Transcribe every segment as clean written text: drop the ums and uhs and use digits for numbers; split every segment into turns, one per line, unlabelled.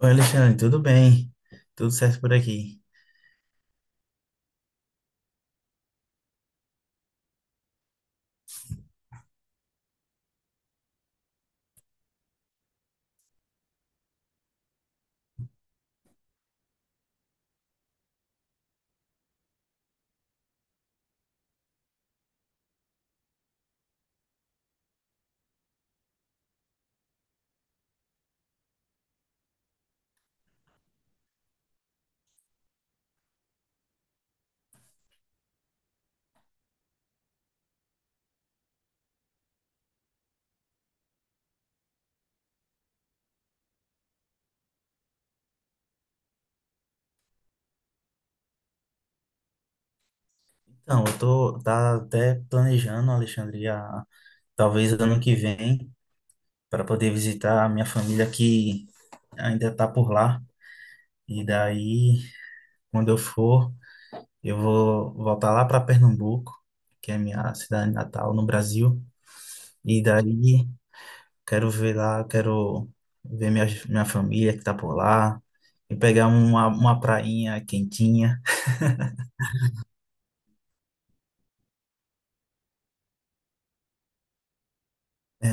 Oi, Alexandre, tudo bem? Tudo certo por aqui? Então, eu tô até planejando, Alexandre, talvez ano que vem, para poder visitar a minha família que ainda está por lá. E daí, quando eu for, eu vou voltar lá para Pernambuco, que é minha cidade natal no Brasil. E daí, quero ver lá, quero ver minha família que está por lá e pegar uma prainha quentinha. É,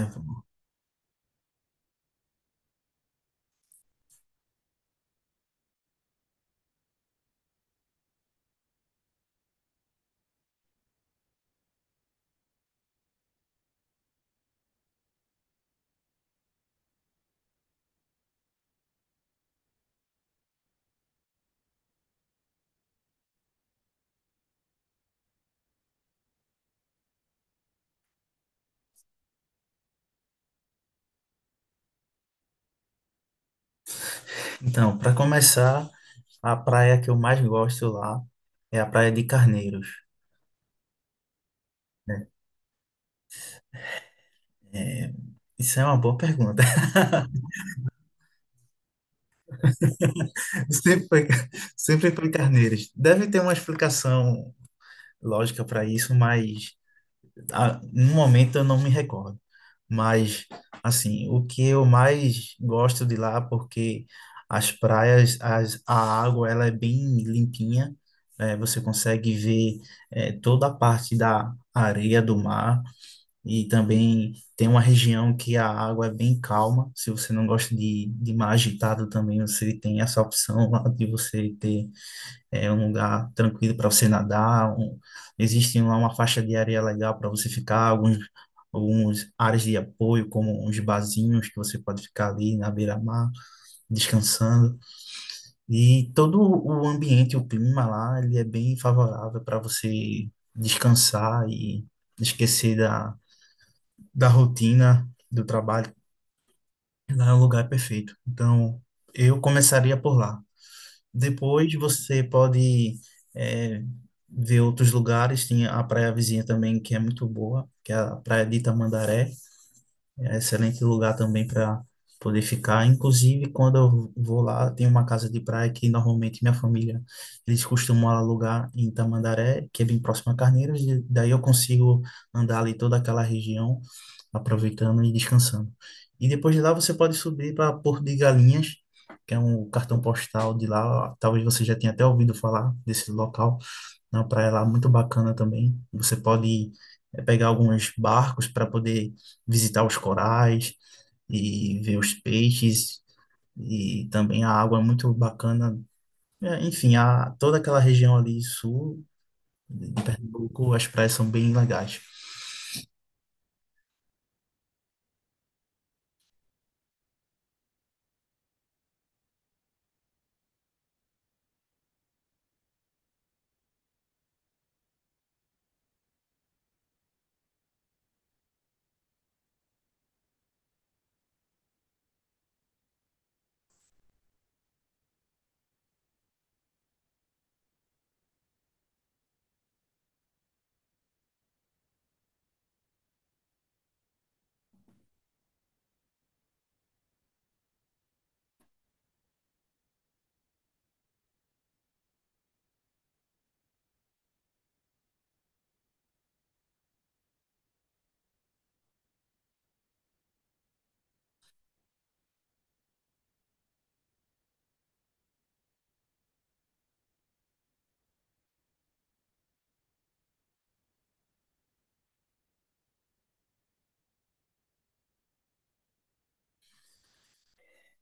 então, para começar, a praia que eu mais gosto lá é a Praia de Carneiros, né? É, isso é uma boa pergunta. Sempre foi, sempre foi Carneiros. Deve ter uma explicação lógica para isso, mas no momento eu não me recordo. Mas, assim, o que eu mais gosto de lá, porque as praias, a água, ela é bem limpinha, né? Você consegue ver toda a parte da areia do mar. E também tem uma região que a água é bem calma. Se você não gosta de mar agitado também, você tem essa opção lá de você ter um lugar tranquilo para você nadar. Existe lá uma faixa de areia legal para você ficar, alguns áreas de apoio, como uns barzinhos que você pode ficar ali na beira-mar, descansando. E todo o ambiente, o clima lá, ele é bem favorável para você descansar e esquecer da rotina do trabalho, lá é um lugar perfeito. Então, eu começaria por lá. Depois você pode é, ver outros lugares, tem a praia vizinha também, que é muito boa, que é a Praia de Itamandaré, é um excelente lugar também para poder ficar. Inclusive, quando eu vou lá, tem uma casa de praia que normalmente minha família, eles costumam alugar em Itamandaré, que é bem próximo a Carneiros, e daí eu consigo andar ali toda aquela região, aproveitando e descansando. E depois de lá você pode subir para Porto de Galinhas, que é um cartão postal de lá. Talvez você já tenha até ouvido falar desse local. É uma praia lá muito bacana também. Você pode pegar alguns barcos para poder visitar os corais e ver os peixes. E também a água é muito bacana. É, enfim, toda aquela região ali sul de Pernambuco, as praias são bem legais.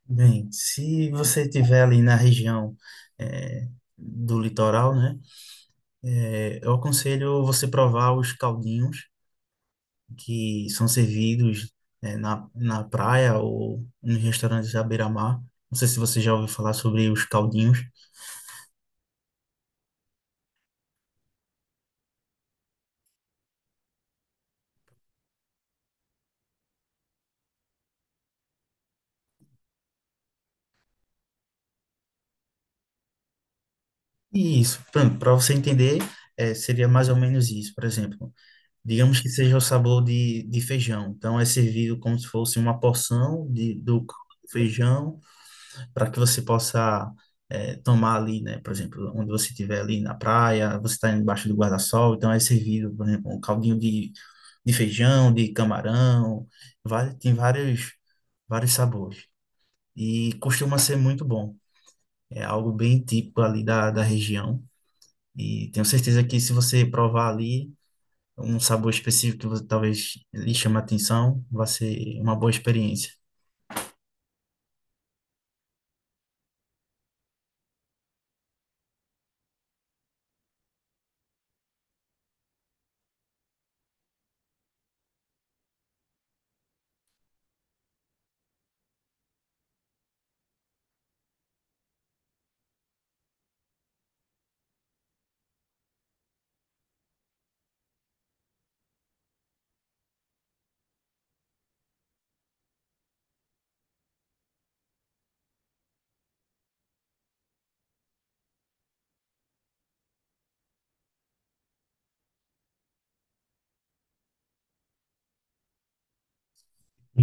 Bem, se você estiver ali na região eh, do litoral, né, eu aconselho você provar os caldinhos que são servidos na praia ou nos restaurantes à beira-mar. Não sei se você já ouviu falar sobre os caldinhos. E isso, para você entender, seria mais ou menos isso. Por exemplo, digamos que seja o sabor de feijão. Então, é servido como se fosse uma porção do caldo de feijão para que você possa tomar ali, né? Por exemplo, onde você estiver ali na praia, você está embaixo do guarda-sol, então é servido, por exemplo, um caldinho de feijão, de camarão, vai, tem vários sabores. E costuma ser muito bom. É algo bem típico ali da região. E tenho certeza que se você provar ali um sabor específico que você talvez lhe chame a atenção, vai ser uma boa experiência.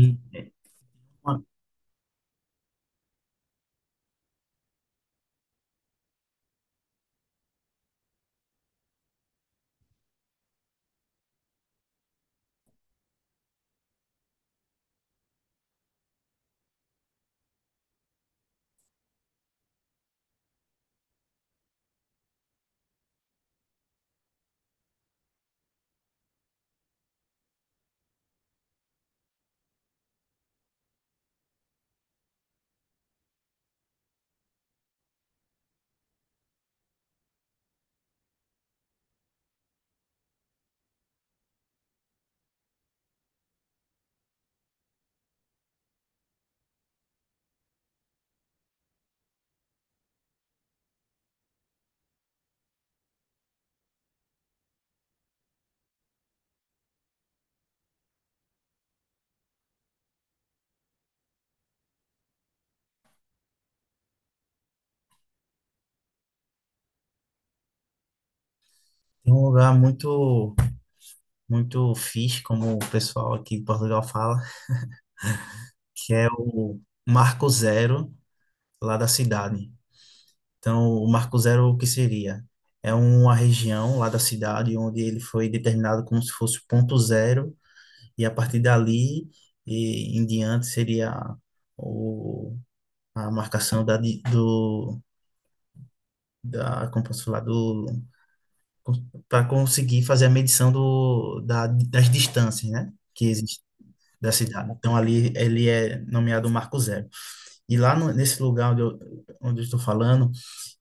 E é uma- Tem um lugar muito fixe, como o pessoal aqui em Portugal fala, que é o Marco Zero lá da cidade. Então, o Marco Zero, o que seria? É uma região lá da cidade onde ele foi determinado como se fosse o ponto zero, e a partir dali e em diante seria o, a marcação da, como posso falar, para conseguir fazer a medição das distâncias, né? Que existem da cidade. Então ali ele é nomeado Marco Zero. E lá nesse lugar onde eu estou falando,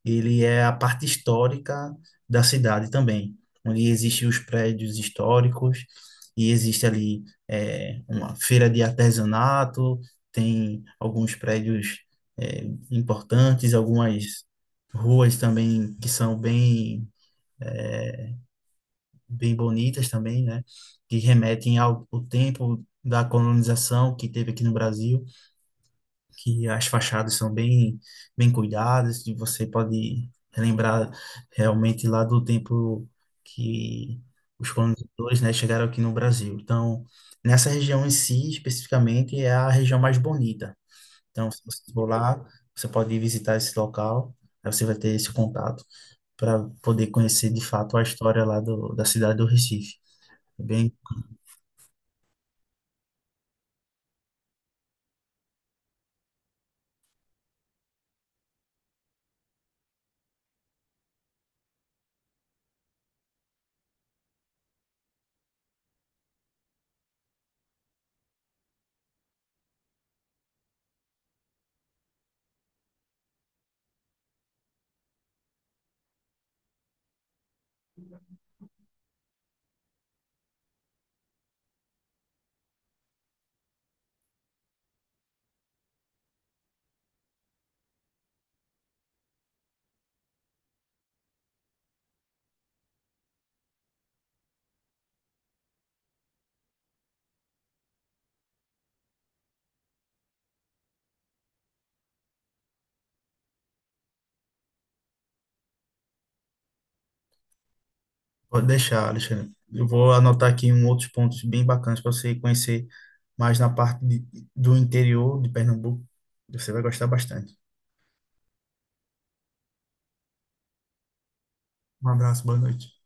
ele é a parte histórica da cidade também, onde existem os prédios históricos e existe ali uma feira de artesanato, tem alguns prédios é, importantes, algumas ruas também que são bem é, bem bonitas também, né? Que remetem ao, ao tempo da colonização que teve aqui no Brasil, que as fachadas são bem cuidadas, e você pode lembrar realmente lá do tempo que os colonizadores, né, chegaram aqui no Brasil. Então, nessa região em si, especificamente, é a região mais bonita. Então, se você for lá, você pode visitar esse local, aí você vai ter esse contato para poder conhecer de fato a história lá da cidade do Recife. É Bem Pode deixar, Alexandre. Eu vou anotar aqui um outros pontos bem bacanas para você conhecer mais do interior de Pernambuco. Você vai gostar bastante. Um abraço, boa noite.